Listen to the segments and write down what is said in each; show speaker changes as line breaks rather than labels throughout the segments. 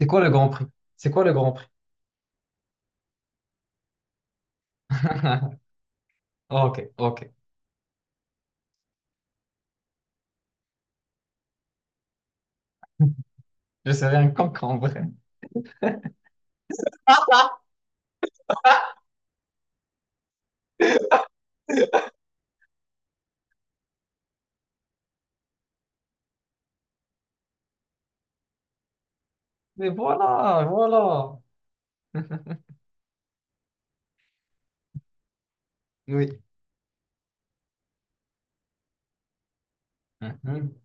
C'est quoi le Grand Prix? C'est quoi le Grand Prix? Ok, ok. Je serais un cancre en vrai. Mais voilà, voilà. Oui. Mhm.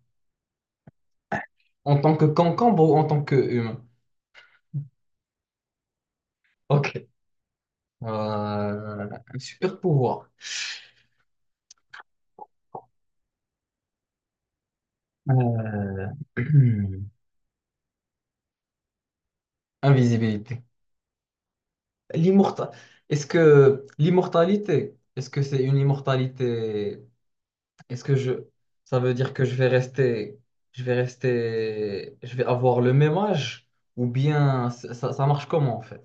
En tant que concombre ou en tant que humain? Ok. Euh, un super pouvoir. Euh, Invisibilité. L'immortalité. Est-ce que l'immortalité, est-ce que c'est une immortalité? Est-ce que je... Ça veut dire que je vais rester... Je vais rester... Je vais avoir le même âge, ou bien ça marche comment en fait?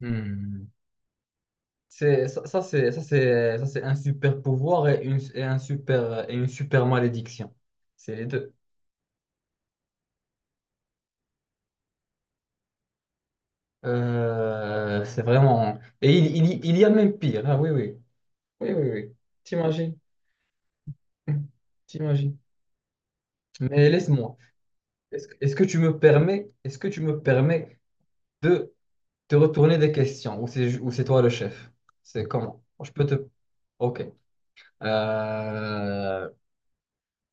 Hmm. C'est, ça, c'est, ça, c'est, ça, c'est un super pouvoir et une super malédiction. C'est les deux. C'est vraiment... Et il y a même pire. Ah, oui, oui. Oui, oui, oui. T'imagines. T'imagines. Mais laisse-moi. Est-ce que tu me permets de te retourner des questions, ou c'est toi le chef? C'est comment? Je peux te... Ok. Euh,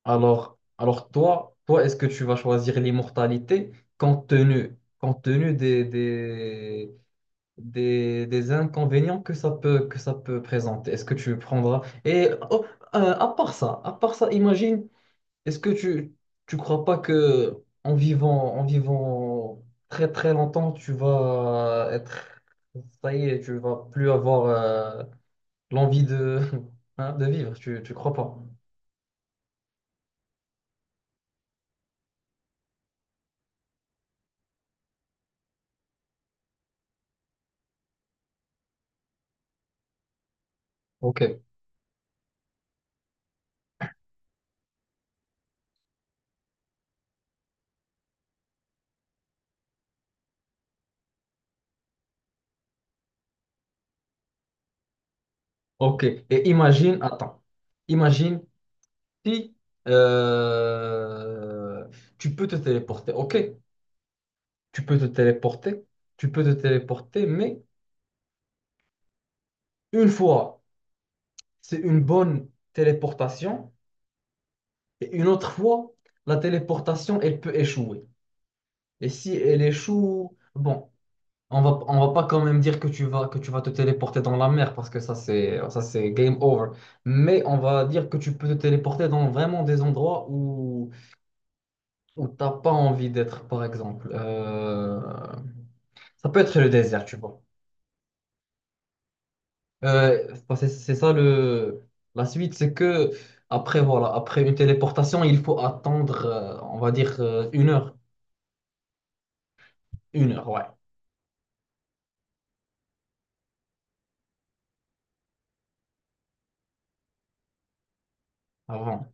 alors toi, est-ce que tu vas choisir l'immortalité, compte tenu des inconvénients que ça peut présenter? Est-ce que tu prendras... Et oh, à part ça, imagine, est-ce que tu crois pas que en vivant très très longtemps, tu vas être... ça y est, tu vas plus avoir l'envie de hein, de vivre, tu crois pas? OK. OK. Et imagine, attends. Imagine si euh, tu peux te téléporter. OK, tu peux te téléporter, tu peux te téléporter, mais une fois, c'est une bonne téléportation. Et une autre fois, la téléportation, elle peut échouer. Et si elle échoue, bon, on va pas quand même dire que tu vas te téléporter dans la mer, parce que ça, c'est game over. Mais on va dire que tu peux te téléporter dans vraiment des endroits où t'as pas envie d'être, par exemple. Ça peut être le désert, tu vois. Enfin, c'est ça la suite, c'est que après, voilà, après une téléportation, il faut attendre, on va dire, une heure. Une heure, ouais, avant.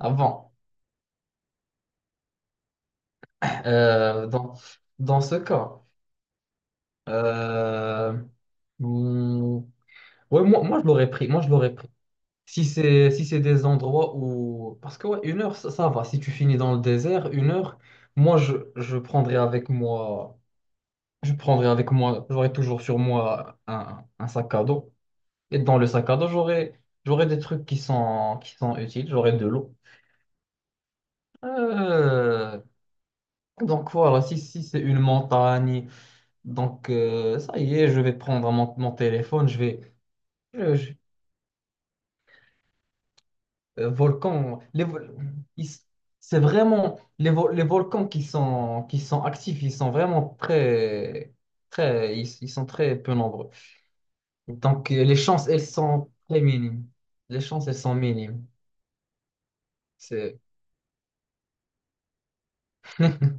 Avant, euh, dans, dans ce cas, euh, hmm, ouais, moi je l'aurais pris. Moi je l'aurais pris. Si c'est des endroits où... Parce que ouais, une heure, ça va. Si tu finis dans le désert, une heure, je prendrais avec moi. Je prendrais avec moi. J'aurais toujours sur moi un sac à dos. Et dans le sac à dos, j'aurais des trucs qui sont utiles. J'aurais de l'eau. Euh, donc voilà, si c'est une montagne. Donc, ça y est, je vais prendre mon téléphone, je vais... je- je- volcan, ils- c'est vraiment... Les volcans qui sont actifs, ils sont vraiment très... très... ils sont très peu nombreux. Donc, les chances, elles sont très minimes. Les chances, elles sont minimes. C'est...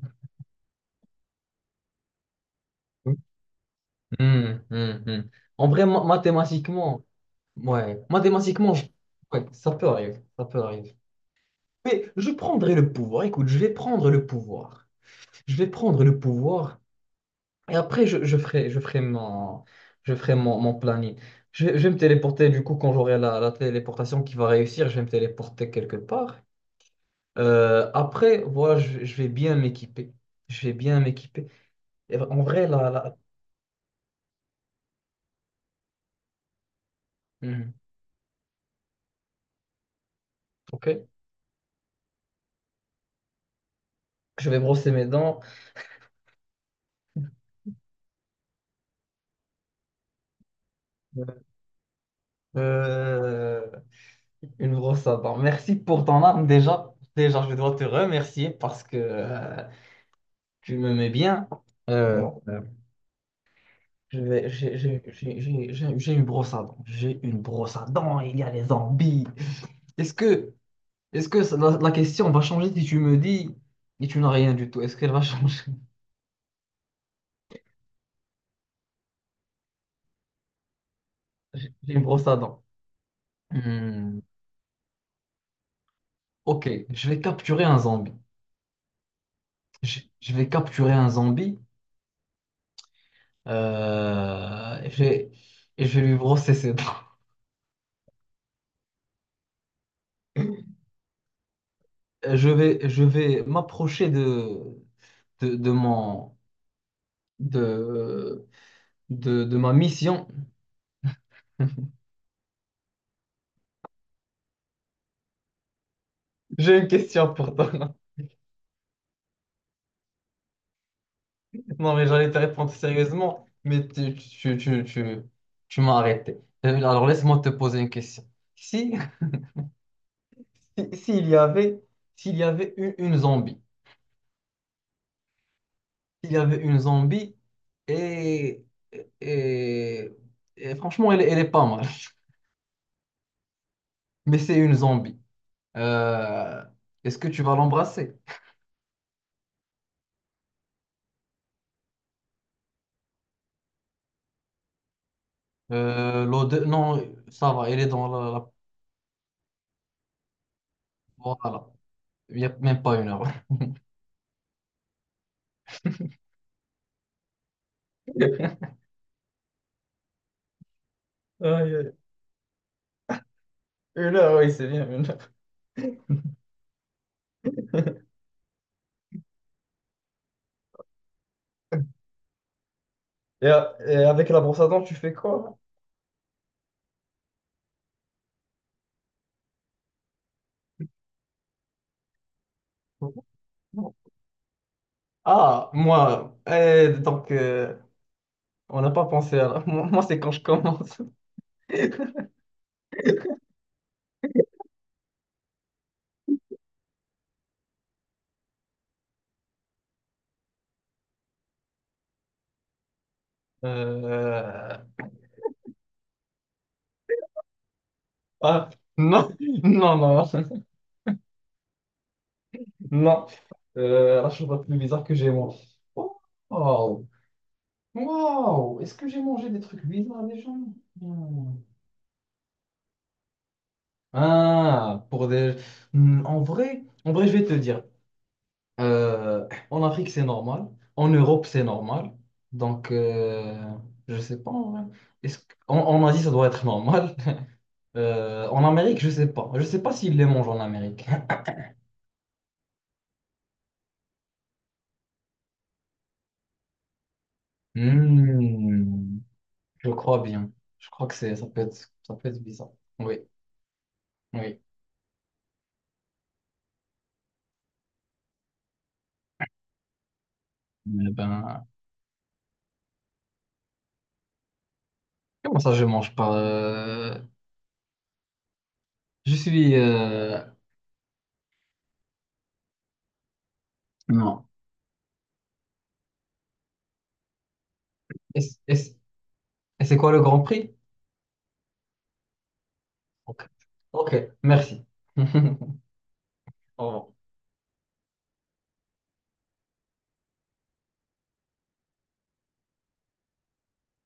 Hmm, hmm, hmm. En vrai, mathématiquement, ouais, ouais, ça peut arriver, ça peut arriver. Mais je prendrai le pouvoir. Écoute, je vais prendre le pouvoir. Je vais prendre le pouvoir, et après je ferai, je ferai mon planning. Je vais me téléporter du coup, quand j'aurai la téléportation qui va réussir, je vais me téléporter quelque part. Après, voilà, je vais bien m'équiper. Je vais bien m'équiper. Et en vrai, là, là... Mhm. Ok. Je vais brosser mes dents. Euh, euh, une brosse à dents. Merci pour ton arme déjà. Déjà, je dois te remercier, parce que tu me mets bien. Euh, Je vais- j'ai- J'ai une brosse à dents. J'ai une brosse à dents. Il y a les zombies. Est-ce que, est-ce que la question va changer si tu me dis et tu n'as rien du tout? Est-ce qu'elle va changer? J'ai une brosse à dents. Hmm. Ok, je vais capturer un zombie. Je vais capturer un zombie. euh, et je vais, et je vais lui brosser ses dents. Je vais m'approcher de mon, de, de ma mission. J'ai une question pour toi. Non, mais j'allais te répondre sérieusement, mais tu m'as arrêté. Alors, laisse-moi te poser une question. Si, s'il y avait, une zombie, s'il y avait une zombie, et, et, et franchement, elle est pas mal, mais c'est une zombie. Euh, est-ce que tu vas l'embrasser? Non, ça va, elle est dans la... voilà. Il n'y a même pas une heure. Aïe, aïe. Une heure, oui, c'est bien, une heure. Et avec la brosse à dents, tu fais quoi? Ah, moi, eh, donc, on n'a pas pensé à la... moi, c'est quand je commence. Euh, Ah, non, non, non, non. La chose la plus bizarre que j'ai mangée. Oh, wow, wow, est-ce que j'ai mangé des trucs bizarres déjà? Hmm. Ah, pour des... Hmm, en vrai, en vrai, je vais te dire. En Afrique, c'est normal. En Europe, c'est normal. Donc, je sais pas, en vrai. Est-ce que... en Asie, ça doit être normal. En Amérique, je sais pas. Je sais pas s'ils les mangent en Amérique. Hmm, je crois bien. Je crois que c'est... ça peut être bizarre. Oui, oui. Mais ben, comment ça, je mange pas? Je suis... non. Et, c'est quoi le Grand Prix? Ok. Ok, merci. Au revoir.